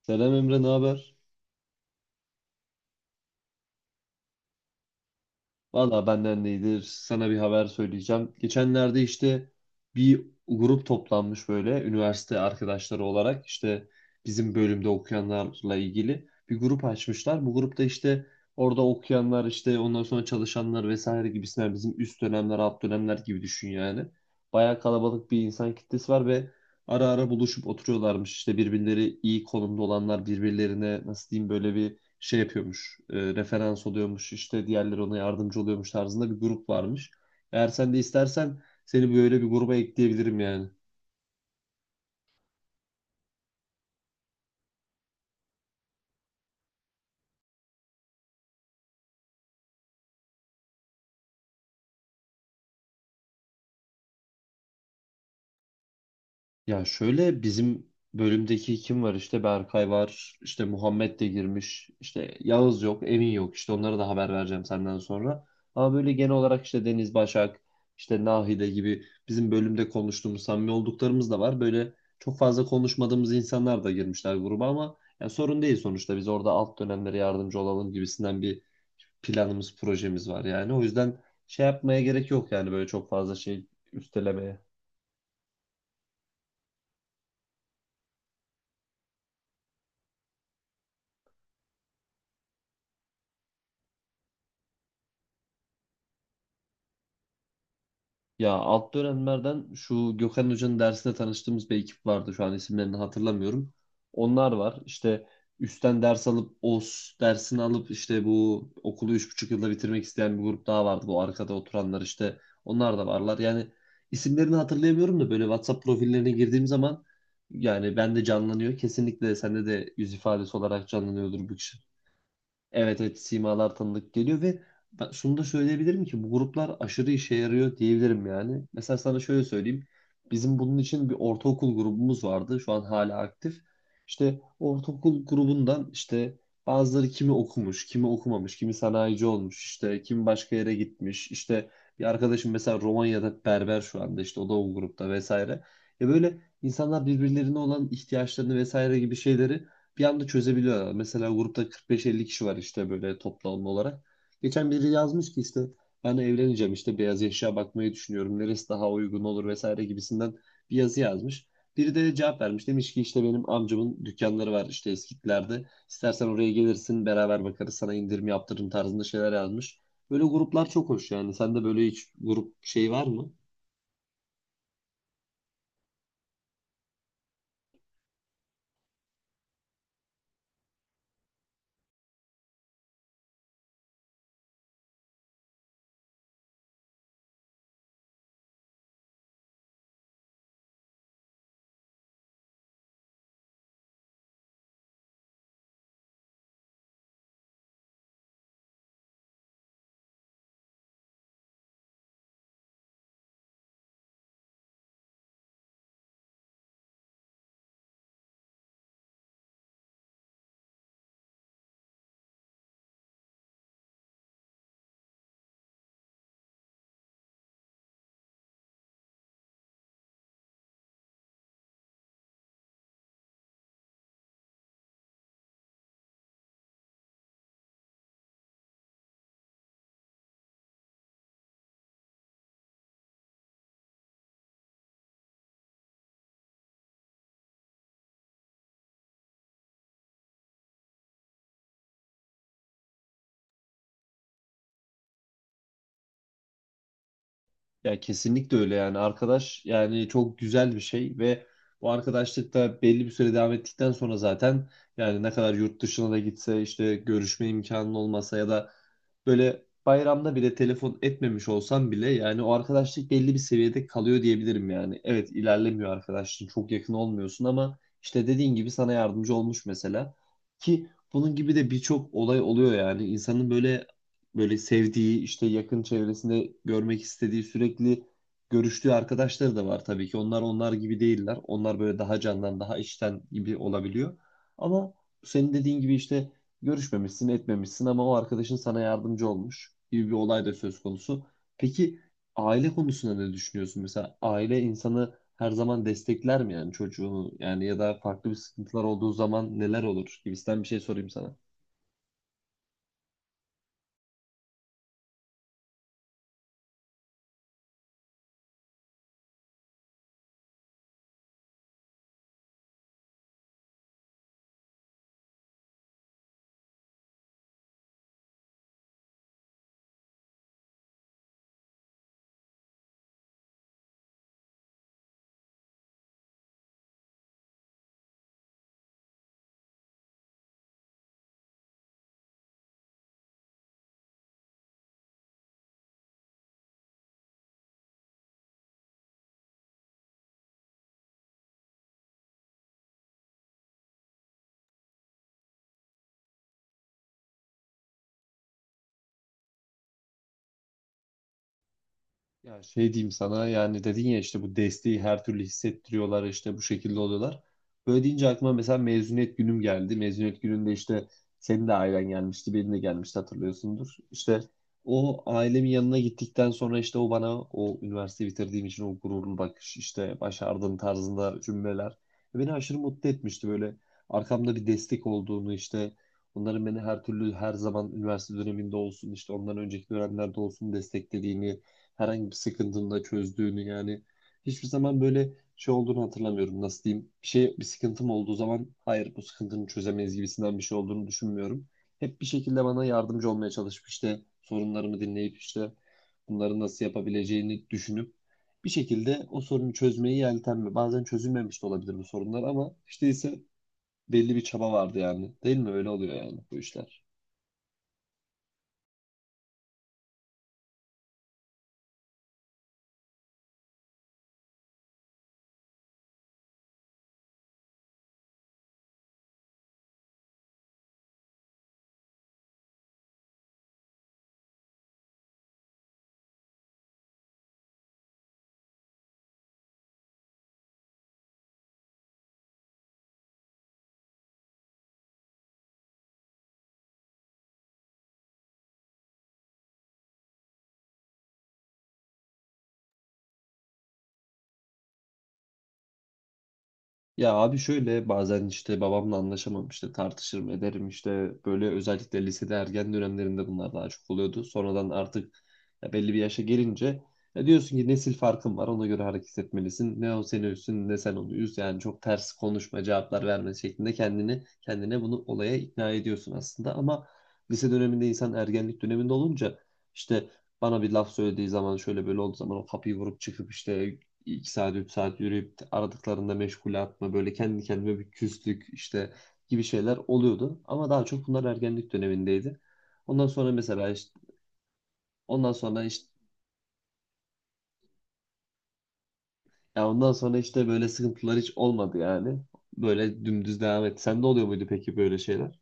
Selam Emre, ne haber? Valla benden de iyidir. Sana bir haber söyleyeceğim. Geçenlerde işte bir grup toplanmış, böyle üniversite arkadaşları olarak işte bizim bölümde okuyanlarla ilgili bir grup açmışlar. Bu grupta işte orada okuyanlar, işte ondan sonra çalışanlar vesaire gibisinden, bizim üst dönemler, alt dönemler gibi düşün yani. Bayağı kalabalık bir insan kitlesi var ve ara ara buluşup oturuyorlarmış. İşte birbirleri iyi konumda olanlar birbirlerine, nasıl diyeyim, böyle bir şey yapıyormuş, referans oluyormuş, işte diğerleri ona yardımcı oluyormuş tarzında bir grup varmış. Eğer sen de istersen seni böyle bir gruba ekleyebilirim yani. Ya şöyle, bizim bölümdeki kim var işte, Berkay var işte, Muhammed de girmiş işte, Yağız yok, Emin yok, işte onlara da haber vereceğim senden sonra. Ama böyle genel olarak işte Deniz, Başak, işte Nahide gibi bizim bölümde konuştuğumuz, samimi olduklarımız da var. Böyle çok fazla konuşmadığımız insanlar da girmişler gruba, ama ya sorun değil, sonuçta biz orada alt dönemlere yardımcı olalım gibisinden bir planımız, projemiz var yani. O yüzden şey yapmaya gerek yok yani, böyle çok fazla şey üstelemeye. Ya alt dönemlerden şu Gökhan Hoca'nın dersinde tanıştığımız bir ekip vardı. Şu an isimlerini hatırlamıyorum. Onlar var. İşte üstten ders alıp, OS dersini alıp işte bu okulu 3,5 yılda bitirmek isteyen bir grup daha vardı. Bu arkada oturanlar işte, onlar da varlar. Yani isimlerini hatırlayamıyorum da böyle WhatsApp profillerine girdiğim zaman yani ben de canlanıyor. Kesinlikle sende de yüz ifadesi olarak canlanıyordur bu. Evet, evet, simalar tanıdık geliyor ve ben şunu da söyleyebilirim ki bu gruplar aşırı işe yarıyor diyebilirim yani. Mesela sana şöyle söyleyeyim. Bizim bunun için bir ortaokul grubumuz vardı. Şu an hala aktif. İşte ortaokul grubundan işte bazıları, kimi okumuş, kimi okumamış, kimi sanayici olmuş, işte kimi başka yere gitmiş. İşte bir arkadaşım mesela Romanya'da berber şu anda, işte o da o grupta vesaire. Ya böyle insanlar birbirlerine olan ihtiyaçlarını vesaire gibi şeyleri bir anda çözebiliyorlar. Mesela grupta 45-50 kişi var işte, böyle toplam olarak. Geçen biri yazmış ki işte, ben evleneceğim, işte beyaz eşya bakmayı düşünüyorum. Neresi daha uygun olur vesaire gibisinden bir yazı yazmış. Biri de cevap vermiş. Demiş ki işte benim amcamın dükkanları var işte Eskitler'de. İstersen oraya gelirsin, beraber bakarız, sana indirim yaptırırım tarzında şeyler yazmış. Böyle gruplar çok hoş yani. Sende böyle hiç grup şey var mı? Ya kesinlikle öyle yani arkadaş, yani çok güzel bir şey ve bu arkadaşlık da belli bir süre devam ettikten sonra zaten yani ne kadar yurt dışına da gitse, işte görüşme imkanın olmasa ya da böyle bayramda bile telefon etmemiş olsam bile, yani o arkadaşlık belli bir seviyede kalıyor diyebilirim yani. Evet, ilerlemiyor arkadaşlığın, çok yakın olmuyorsun ama işte dediğin gibi sana yardımcı olmuş mesela ki bunun gibi de birçok olay oluyor yani, insanın böyle böyle sevdiği, işte yakın çevresinde görmek istediği, sürekli görüştüğü arkadaşları da var tabii ki. Onlar, onlar gibi değiller. Onlar böyle daha candan, daha içten gibi olabiliyor. Ama senin dediğin gibi işte görüşmemişsin, etmemişsin ama o arkadaşın sana yardımcı olmuş gibi bir olay da söz konusu. Peki aile konusunda ne düşünüyorsun? Mesela aile insanı her zaman destekler mi yani, çocuğunu yani, ya da farklı bir sıkıntılar olduğu zaman neler olur gibisinden bir şey sorayım sana. Ya şey diyeyim sana yani, dedin ya işte bu desteği her türlü hissettiriyorlar, işte bu şekilde oluyorlar. Böyle deyince aklıma mesela mezuniyet günüm geldi. Mezuniyet gününde işte senin de ailen gelmişti, benim de gelmişti, hatırlıyorsundur. İşte o ailemin yanına gittikten sonra işte o bana o üniversite bitirdiğim için o gururlu bakış, işte başardım tarzında cümleler beni aşırı mutlu etmişti, böyle arkamda bir destek olduğunu, işte onların beni her türlü, her zaman üniversite döneminde olsun, işte ondan önceki dönemlerde olsun desteklediğini, herhangi bir sıkıntını da çözdüğünü yani hiçbir zaman böyle şey olduğunu hatırlamıyorum. Nasıl diyeyim? Bir şey, bir sıkıntım olduğu zaman hayır bu sıkıntını çözemeyiz gibisinden bir şey olduğunu düşünmüyorum. Hep bir şekilde bana yardımcı olmaya çalışıp, işte sorunlarımı dinleyip, işte bunları nasıl yapabileceğini düşünüp bir şekilde o sorunu çözmeyi yeltenme. Bazen çözülmemiş de olabilir bu sorunlar ama işte ise belli bir çaba vardı yani. Değil mi? Öyle oluyor yani bu işler. Ya abi şöyle, bazen işte babamla anlaşamam, işte tartışırım ederim işte böyle, özellikle lisede ergen dönemlerinde bunlar daha çok oluyordu. Sonradan artık, ya belli bir yaşa gelince ya diyorsun ki nesil farkın var, ona göre hareket etmelisin. Ne o seni üstün, ne sen onu üz yani, çok ters konuşma, cevaplar verme şeklinde kendini kendine bunu olaya ikna ediyorsun aslında. Ama lise döneminde insan ergenlik döneminde olunca işte bana bir laf söylediği zaman, şöyle böyle olduğu zaman o kapıyı vurup çıkıp işte 2 saat, 3 saat yürüyüp aradıklarında meşgule atma, böyle kendi kendime bir küslük işte gibi şeyler oluyordu. Ama daha çok bunlar ergenlik dönemindeydi. Ondan sonra mesela işte, ondan sonra işte, Ya ondan sonra işte böyle sıkıntılar hiç olmadı yani. Böyle dümdüz devam etti. Sende oluyor muydu peki böyle şeyler?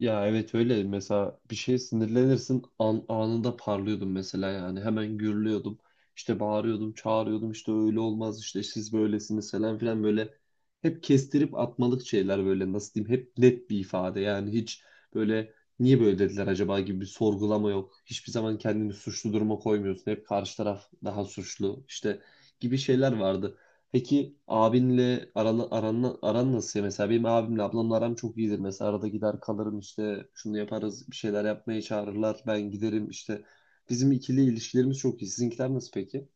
Ya evet öyle, mesela bir şeye sinirlenirsin anında parlıyordum mesela yani, hemen gürlüyordum, işte bağırıyordum, çağırıyordum, işte öyle olmaz, işte siz böylesiniz falan filan, böyle hep kestirip atmalık şeyler, böyle nasıl diyeyim, hep net bir ifade yani, hiç böyle niye böyle dediler acaba gibi bir sorgulama yok, hiçbir zaman kendini suçlu duruma koymuyorsun, hep karşı taraf daha suçlu işte gibi şeyler vardı. Peki abinle aran nasıl ya? Mesela benim abimle ablamla aram çok iyidir. Mesela arada gider kalırım işte, şunu yaparız, bir şeyler yapmaya çağırırlar ben giderim işte. Bizim ikili ilişkilerimiz çok iyi. Sizinkiler nasıl peki?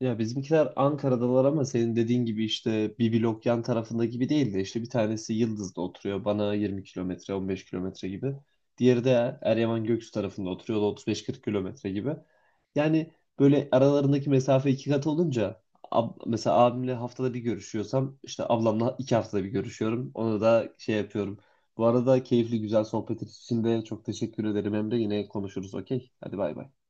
Ya bizimkiler Ankara'dalar ama senin dediğin gibi işte bir blok yan tarafında gibi değil de, işte bir tanesi Yıldız'da oturuyor, bana 20 kilometre, 15 kilometre gibi. Diğeri de Eryaman Göksu tarafında oturuyor, o da 35-40 kilometre gibi. Yani böyle aralarındaki mesafe iki kat olunca mesela abimle haftada bir görüşüyorsam işte ablamla 2 haftada bir görüşüyorum. Ona da şey yapıyorum. Bu arada keyifli güzel sohbet için de çok teşekkür ederim Emre. Yine konuşuruz, okey. Hadi bay bay.